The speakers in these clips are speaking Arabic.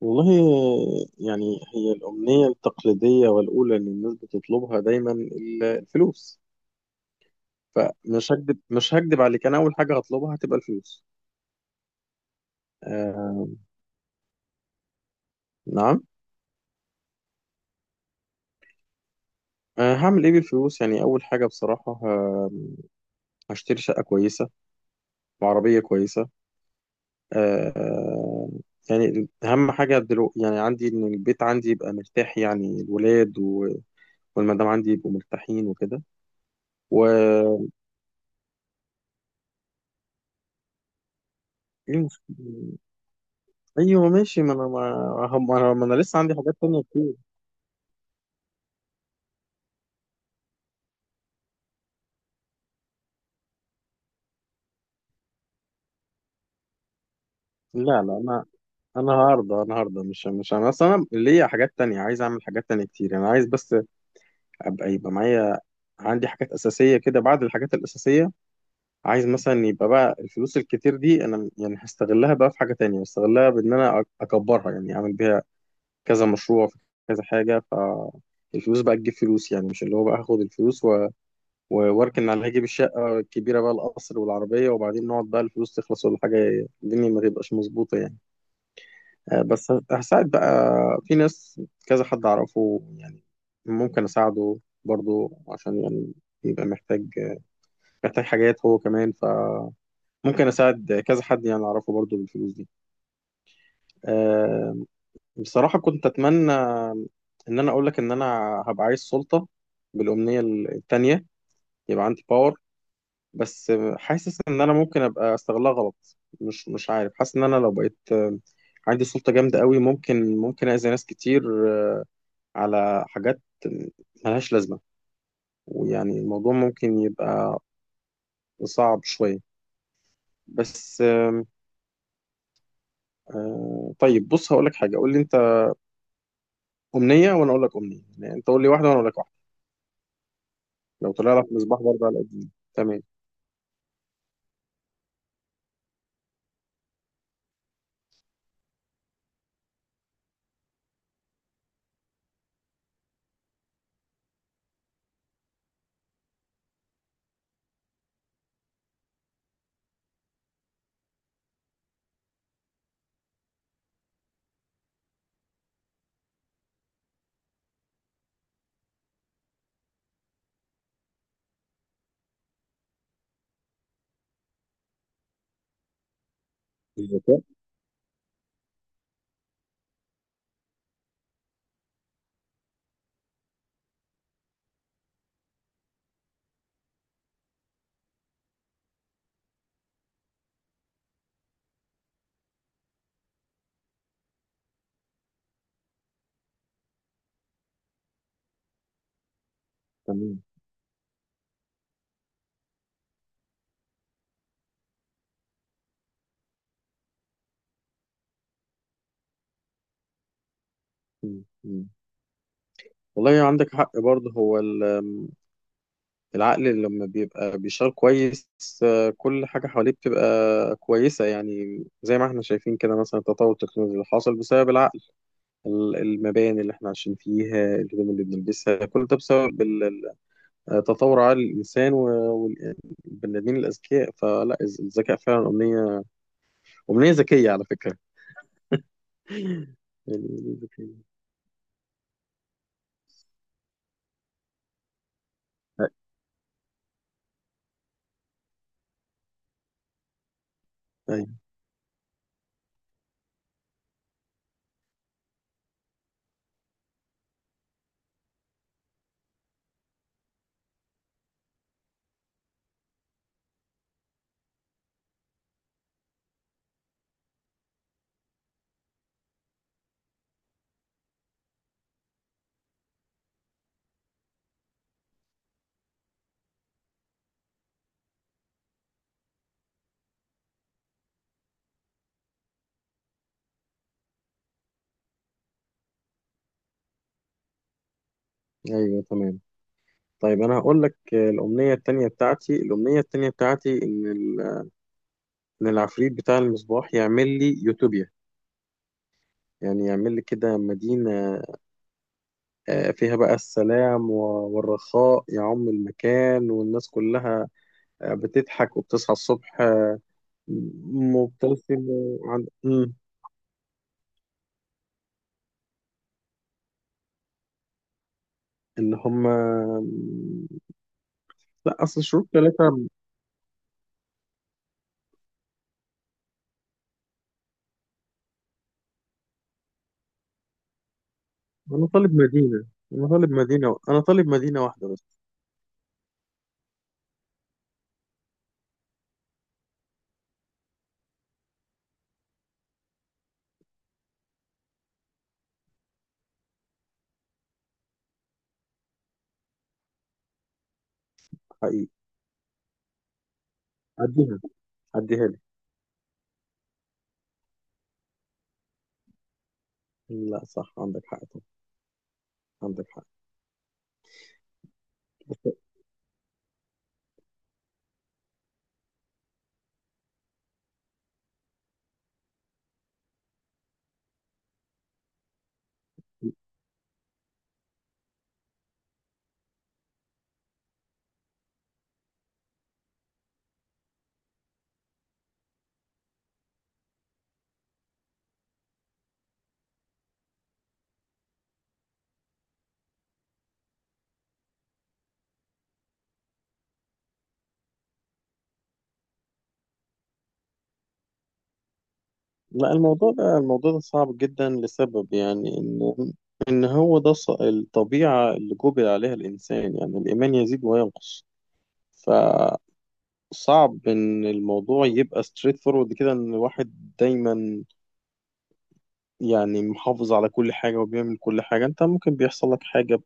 والله، يعني هي الأمنية التقليدية والأولى اللي الناس بتطلبها دايما الفلوس. فمش هكدب مش هكدب عليك، أنا أول حاجة هطلبها هتبقى الفلوس. آه. نعم. آه، هعمل إيه بالفلوس؟ يعني أول حاجة بصراحة هشتري شقة كويسة وعربية كويسة. آه. يعني أهم حاجة دلوقتي يعني عندي إن البيت عندي يبقى مرتاح، يعني الولاد والمدام عندي يبقوا مرتاحين وكده و ايوه، ماشي. ما انا ما هم ما انا ما انا لسه عندي حاجات تانية كتير. لا انا، انا هرضى. مش انا اصلا، انا ليا حاجات تانية، عايز اعمل حاجات تانية كتير. انا عايز بس ابقى يبقى معايا عندي حاجات اساسية كده. بعد الحاجات الاساسية، عايز مثلا يبقى بقى الفلوس الكتير دي انا يعني هستغلها بقى في حاجة تانية، هستغلها بان انا اكبرها، يعني اعمل بيها كذا مشروع في كذا حاجة، فالفلوس بقى تجيب فلوس، يعني مش اللي هو بقى هاخد الفلوس واركن على هجيب الشقة الكبيرة بقى القصر والعربية، وبعدين نقعد بقى الفلوس تخلص ولا حاجة، الدنيا ما تبقاش مظبوطة يعني. بس هساعد بقى في ناس، كذا حد أعرفه يعني ممكن أساعده برضو عشان يعني يبقى محتاج، محتاج حاجات هو كمان، فممكن أساعد كذا حد يعني أعرفه برضو بالفلوس دي. آه، بصراحة كنت أتمنى إن أنا أقول لك إن أنا هبقى عايز سلطة بالأمنية التانية، يبقى عندي باور. بس حاسس ان انا ممكن ابقى استغلها غلط، مش عارف، حاسس ان انا لو بقيت عندي سلطة جامدة قوي، ممكن اذي ناس كتير، آه، على حاجات ملهاش لازمة، ويعني الموضوع ممكن يبقى صعب شوية. بس آم، طيب بص، هقول لك حاجة، قول لي انت أمنية وانا اقول لك أمنية، يعني انت قول لي واحدة وانا اقول لك واحدة. لو طلع لك مصباح برضه على قديم، تمام. الذكاء. تمام. مم. مم. والله عندك حق برضه، هو العقل لما بيبقى بيشتغل كويس، كل حاجة حواليه بتبقى كويسة، يعني زي ما احنا شايفين كده مثلا التطور التكنولوجي اللي حصل بسبب العقل، المباني اللي احنا عايشين فيها، الهدوم اللي بنلبسها، كل ده بسبب تطور عقل الإنسان والبني آدمين الأذكياء. الذكاء فعلا أمنية، أمنية ذكية على فكرة. يعني أمنية ذكية. أيوه، أيوه، تمام. طيب أنا هقول لك، الأمنية التانية بتاعتي، الأمنية التانية بتاعتي إن ال ان العفريت بتاع المصباح يعمل لي يوتوبيا، يعني يعمل لي كده مدينة، فيها بقى السلام والرخاء يعم المكان، والناس كلها بتضحك، وبتصحى الصبح مبتسم وعن... مم. اللي هم لا، أصل شروط ثلاثة. أنا طالب مدينة، أنا طالب مدينة واحدة بس. حقيقي. عديها، عديها لي. لا صح، عندك حق طبعا. عندك حق. لا، الموضوع ده صعب جدا لسبب، يعني ان الطبيعة اللي جبل عليها الانسان، يعني الايمان يزيد وينقص، فصعب ان الموضوع يبقى ستريت فورورد كده، ان الواحد دايما يعني محافظ على كل حاجة وبيعمل كل حاجة. انت ممكن بيحصل لك حاجة،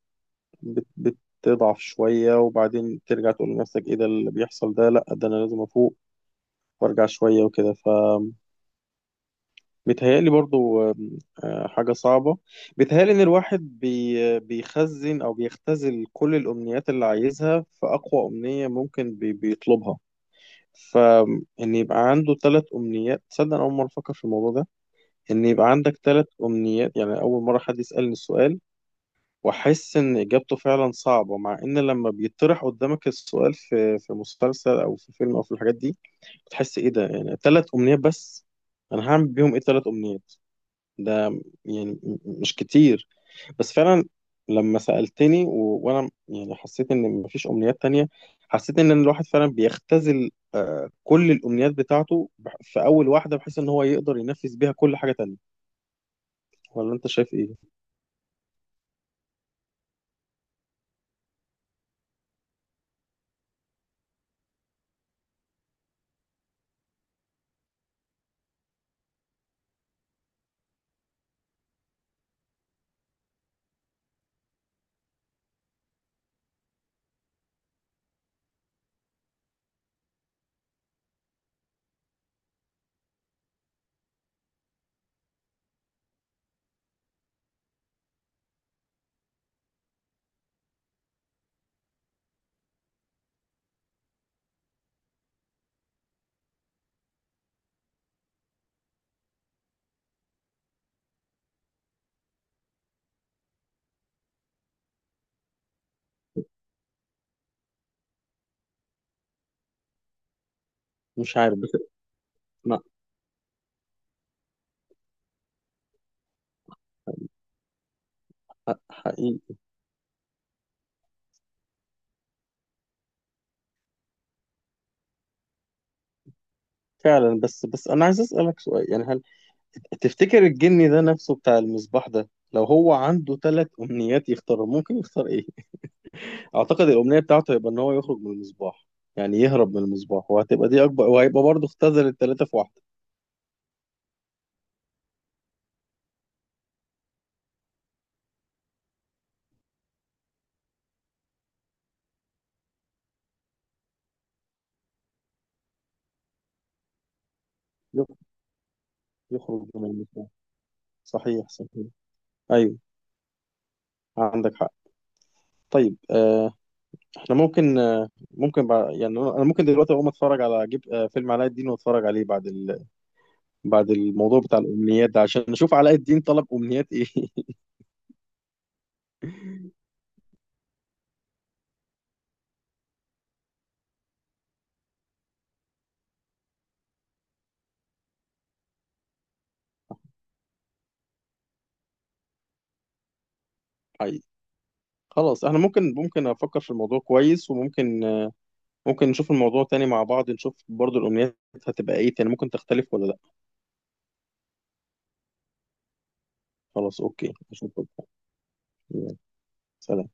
بت تضعف شوية، وبعدين ترجع تقول لنفسك ايه ده اللي بيحصل ده، لا ده انا لازم افوق وارجع شوية وكده. بيتهيألي برضو حاجة صعبة. بيتهيألي إن الواحد بيخزن أو بيختزل كل الأمنيات اللي عايزها في أقوى أمنية ممكن بيطلبها. فإن يبقى عنده ثلاث أمنيات، تصدق أنا أول مرة أفكر في الموضوع ده؟ إن يبقى عندك ثلاث أمنيات، يعني أول مرة حد يسألني السؤال وأحس إن إجابته فعلا صعبة، مع إن لما بيطرح قدامك السؤال في مسلسل أو في فيلم أو في الحاجات دي، بتحس إيه ده، يعني ثلاث أمنيات بس، أنا هعمل بيهم إيه؟ ثلاث أمنيات ده يعني مش كتير. بس فعلا لما سألتني وانا يعني حسيت ان مفيش امنيات تانية، حسيت ان الواحد فعلا بيختزل كل الامنيات بتاعته في اول واحدة، بحيث ان هو يقدر ينفذ بيها كل حاجة تانية. ولا انت شايف ايه؟ مش عارف بس. ما ح- حقيقي. فعلا، بس انا عايز اسألك سؤال، يعني هل تفتكر الجني ده نفسه بتاع المصباح ده، لو هو عنده ثلاث امنيات يختار، ممكن يختار ايه؟ اعتقد الامنيه بتاعته هيبقى ان هو يخرج من المصباح، يعني يهرب من المصباح، وهتبقى دي اكبر، وهيبقى برضه اختزل الثلاثه في واحده. يخ- يخرج من المصباح. صحيح، صحيح. ايوه، عندك حق. طيب آه، احنا ممكن آه ممكن يعني أنا ممكن دلوقتي اقوم اتفرج على جيب آه فيلم علاء الدين، واتفرج عليه بعد بعد الموضوع بتاع الامنيات ده، عشان نشوف علاء الدين طلب امنيات ايه. حقيقي. خلاص، احنا ممكن، افكر في الموضوع كويس، وممكن ممكن نشوف الموضوع تاني مع بعض، نشوف برضه الامنيات هتبقى ايه تاني، ممكن تختلف ولا لا. خلاص، اوكي. اشوفك. يلا، سلام.